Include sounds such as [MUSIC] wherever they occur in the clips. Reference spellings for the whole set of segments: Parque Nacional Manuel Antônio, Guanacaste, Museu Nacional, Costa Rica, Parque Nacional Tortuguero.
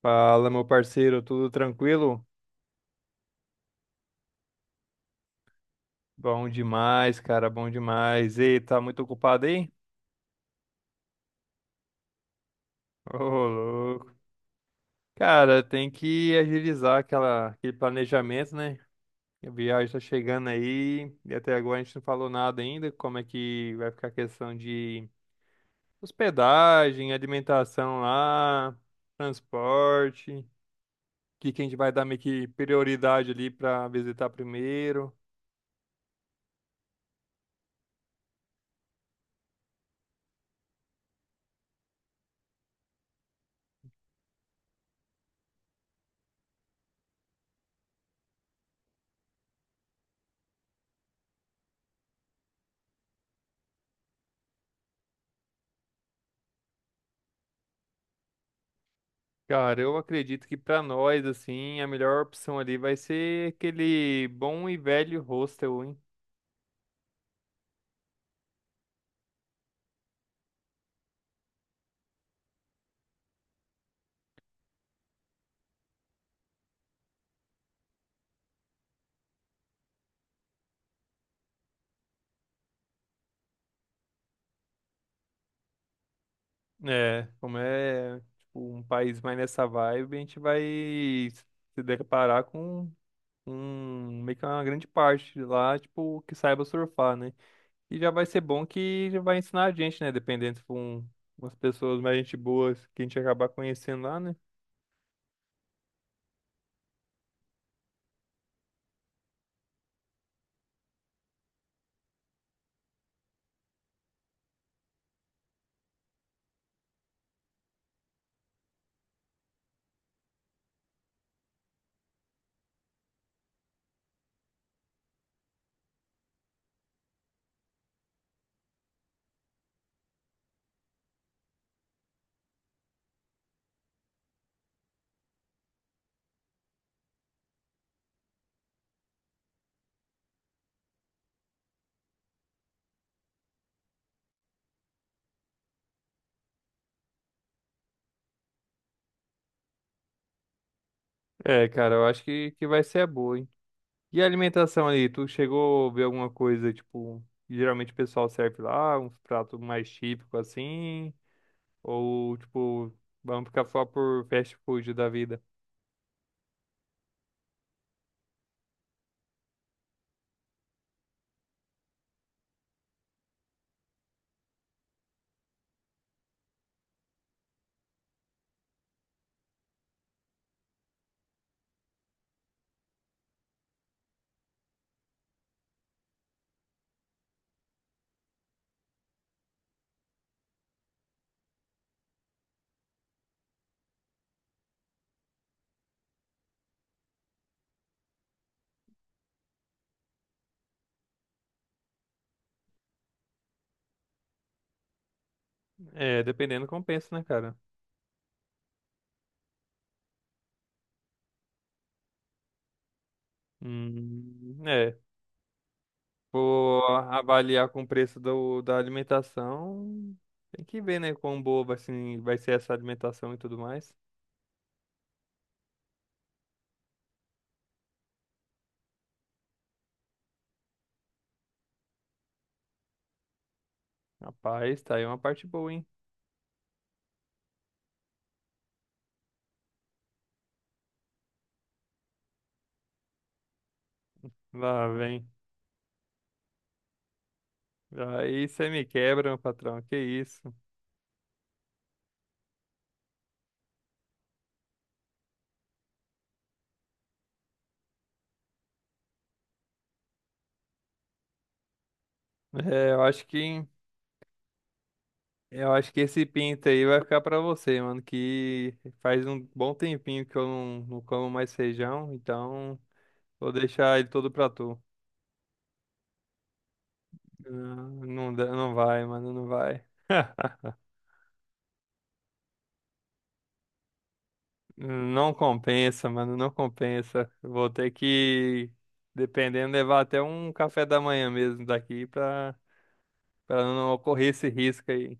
Fala, meu parceiro, tudo tranquilo? Bom demais, cara, bom demais. Ei, tá muito ocupado aí? Ô, louco. Cara, tem que agilizar aquele planejamento, né? A viagem tá chegando aí e até agora a gente não falou nada ainda. Como é que vai ficar a questão de hospedagem, alimentação lá, transporte, o que que a gente vai dar meio que prioridade ali pra visitar primeiro? Cara, eu acredito que pra nós, assim, a melhor opção ali vai ser aquele bom e velho hostel, hein? É, como é, tipo, um país mais nessa vibe, a gente vai se deparar com um, meio que uma grande parte lá, tipo, que saiba surfar, né? E já vai ser bom que já vai ensinar a gente, né? Dependendo se for umas pessoas mais gente boas que a gente acabar conhecendo lá, né? É, cara, eu acho que vai ser a boa, hein? E a alimentação ali, tu chegou a ver alguma coisa, tipo, que geralmente o pessoal serve lá, uns pratos mais típicos assim, ou tipo, vamos ficar só por fast food da vida? É, dependendo, compensa, né, cara? É, vou avaliar com o preço da alimentação, tem que ver, né, quão boa vai vai ser essa alimentação e tudo mais. Rapaz, tá aí uma parte boa, hein? Lá vem. Aí você me quebra, meu patrão, que isso? É, eu acho que. Eu acho que esse pinto aí vai ficar pra você, mano, que faz um bom tempinho que eu não como mais feijão, então vou deixar ele todo pra tu. Não, não, não vai, mano, não vai. [LAUGHS] Não compensa, mano, não compensa. Vou ter que, dependendo, levar até um café da manhã mesmo daqui pra não ocorrer esse risco aí.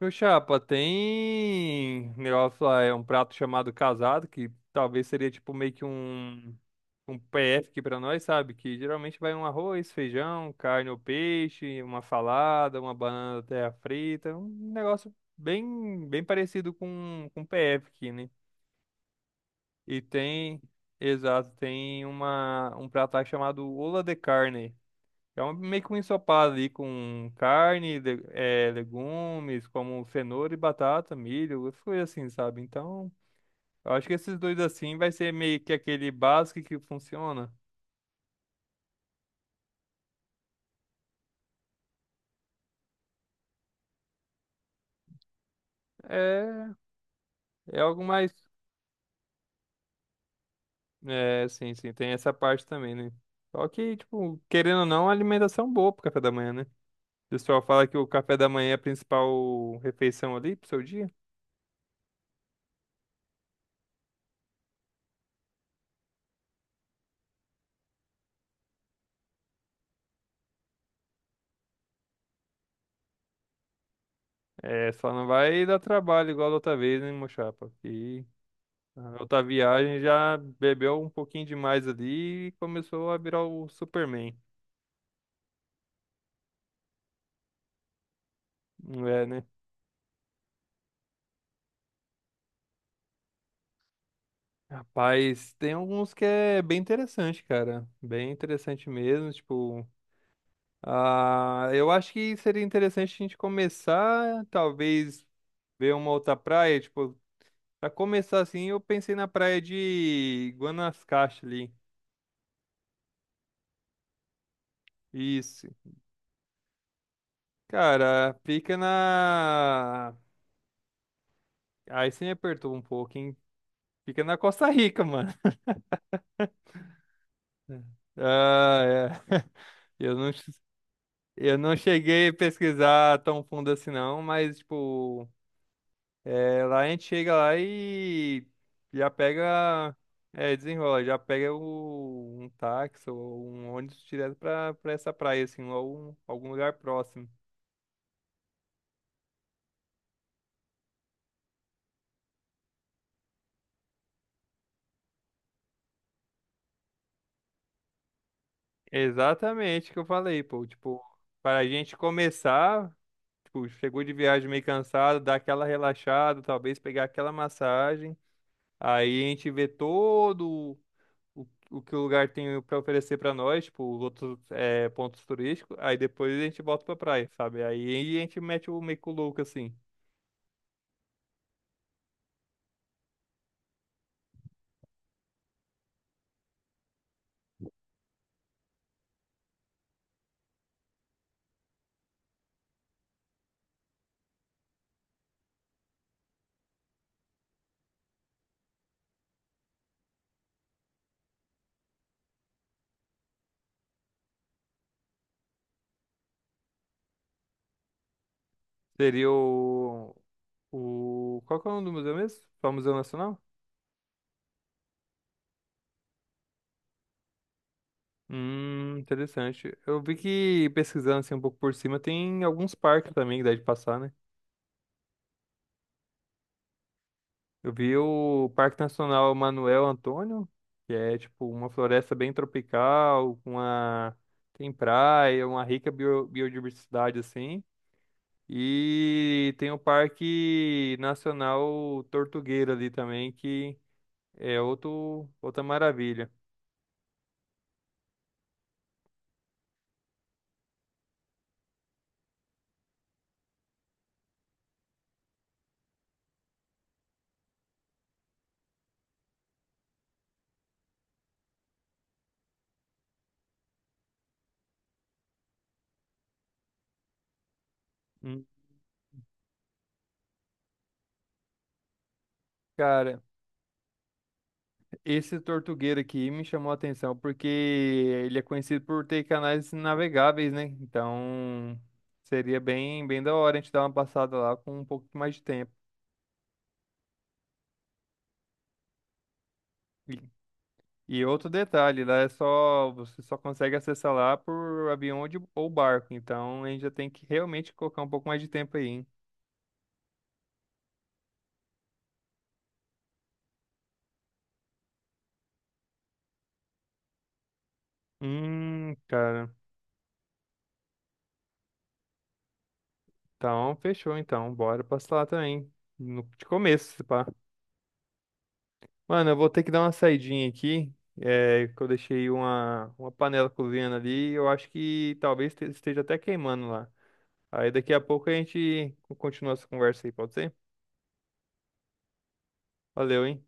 Meu chapa, tem negócio lá, é um prato chamado casado, que talvez seria tipo meio que um PF aqui pra nós, sabe? Que geralmente vai um arroz, feijão, carne ou peixe, uma salada, uma banana terra frita, um negócio bem, bem parecido com PF aqui, né? E tem, exato, tem uma, um prato lá chamado ola de carne. É um, meio que um ensopado ali com carne, legumes, como cenoura e batata, milho, essas coisas assim, sabe? Então, eu acho que esses dois assim vai ser meio que aquele básico que funciona. É, é algo mais. É, sim, tem essa parte também, né? Só que, tipo, querendo ou não, a alimentação é boa pro café da manhã, né? O pessoal fala que o café da manhã é a principal refeição ali pro seu dia. É, só não vai dar trabalho igual da outra vez, né, meu chapa? Na outra viagem já bebeu um pouquinho demais ali e começou a virar o Superman. Não É, né? Rapaz, tem alguns que é bem interessante, cara. Bem interessante mesmo, tipo, ah, eu acho que seria interessante a gente começar, talvez ver uma outra praia, tipo, pra começar assim, eu pensei na praia de Guanacaste ali. Isso. Cara, fica na. Aí você me apertou um pouco, hein? Fica na Costa Rica, mano. Ah, é. [LAUGHS] Eu eu não cheguei a pesquisar tão fundo assim, não, mas, tipo, é, lá a gente chega lá e já pega. É, desenrola, já pega um táxi ou um ônibus direto pra essa praia, assim, ou algum lugar próximo. Exatamente o que eu falei, pô. Tipo, para a gente começar, tipo, chegou de viagem meio cansado, dar aquela relaxada, talvez pegar aquela massagem. Aí a gente vê todo o, o que o lugar tem para oferecer para nós, tipo, os outros é, pontos turísticos, aí depois a gente volta pra praia, sabe? Aí a gente mete o meio que o louco assim. Seria o. Qual que é o nome do museu mesmo? Só Museu Nacional? Interessante. Eu vi que pesquisando assim um pouco por cima, tem alguns parques também que dá de passar, né? Eu vi o Parque Nacional Manuel Antônio, que é tipo uma floresta bem tropical, com uma tem praia, uma rica biodiversidade assim. E tem o Parque Nacional Tortuguero ali também, que é outra maravilha. Hum. Cara, esse Tortuguero aqui me chamou a atenção porque ele é conhecido por ter canais navegáveis, né? Então seria bem, bem da hora a gente dar uma passada lá com um pouco mais de tempo. E e outro detalhe, lá é só, você só consegue acessar lá por avião ou ou barco, então a gente já tem que realmente colocar um pouco mais de tempo aí, hein? Cara. Então, fechou então. Bora passar lá também. No, de começo, se pá. Mano, eu vou ter que dar uma saidinha aqui. É, que eu deixei uma panela cozinhando ali. Eu acho que talvez esteja até queimando lá. Aí daqui a pouco a gente continua essa conversa aí, pode ser? Valeu, hein?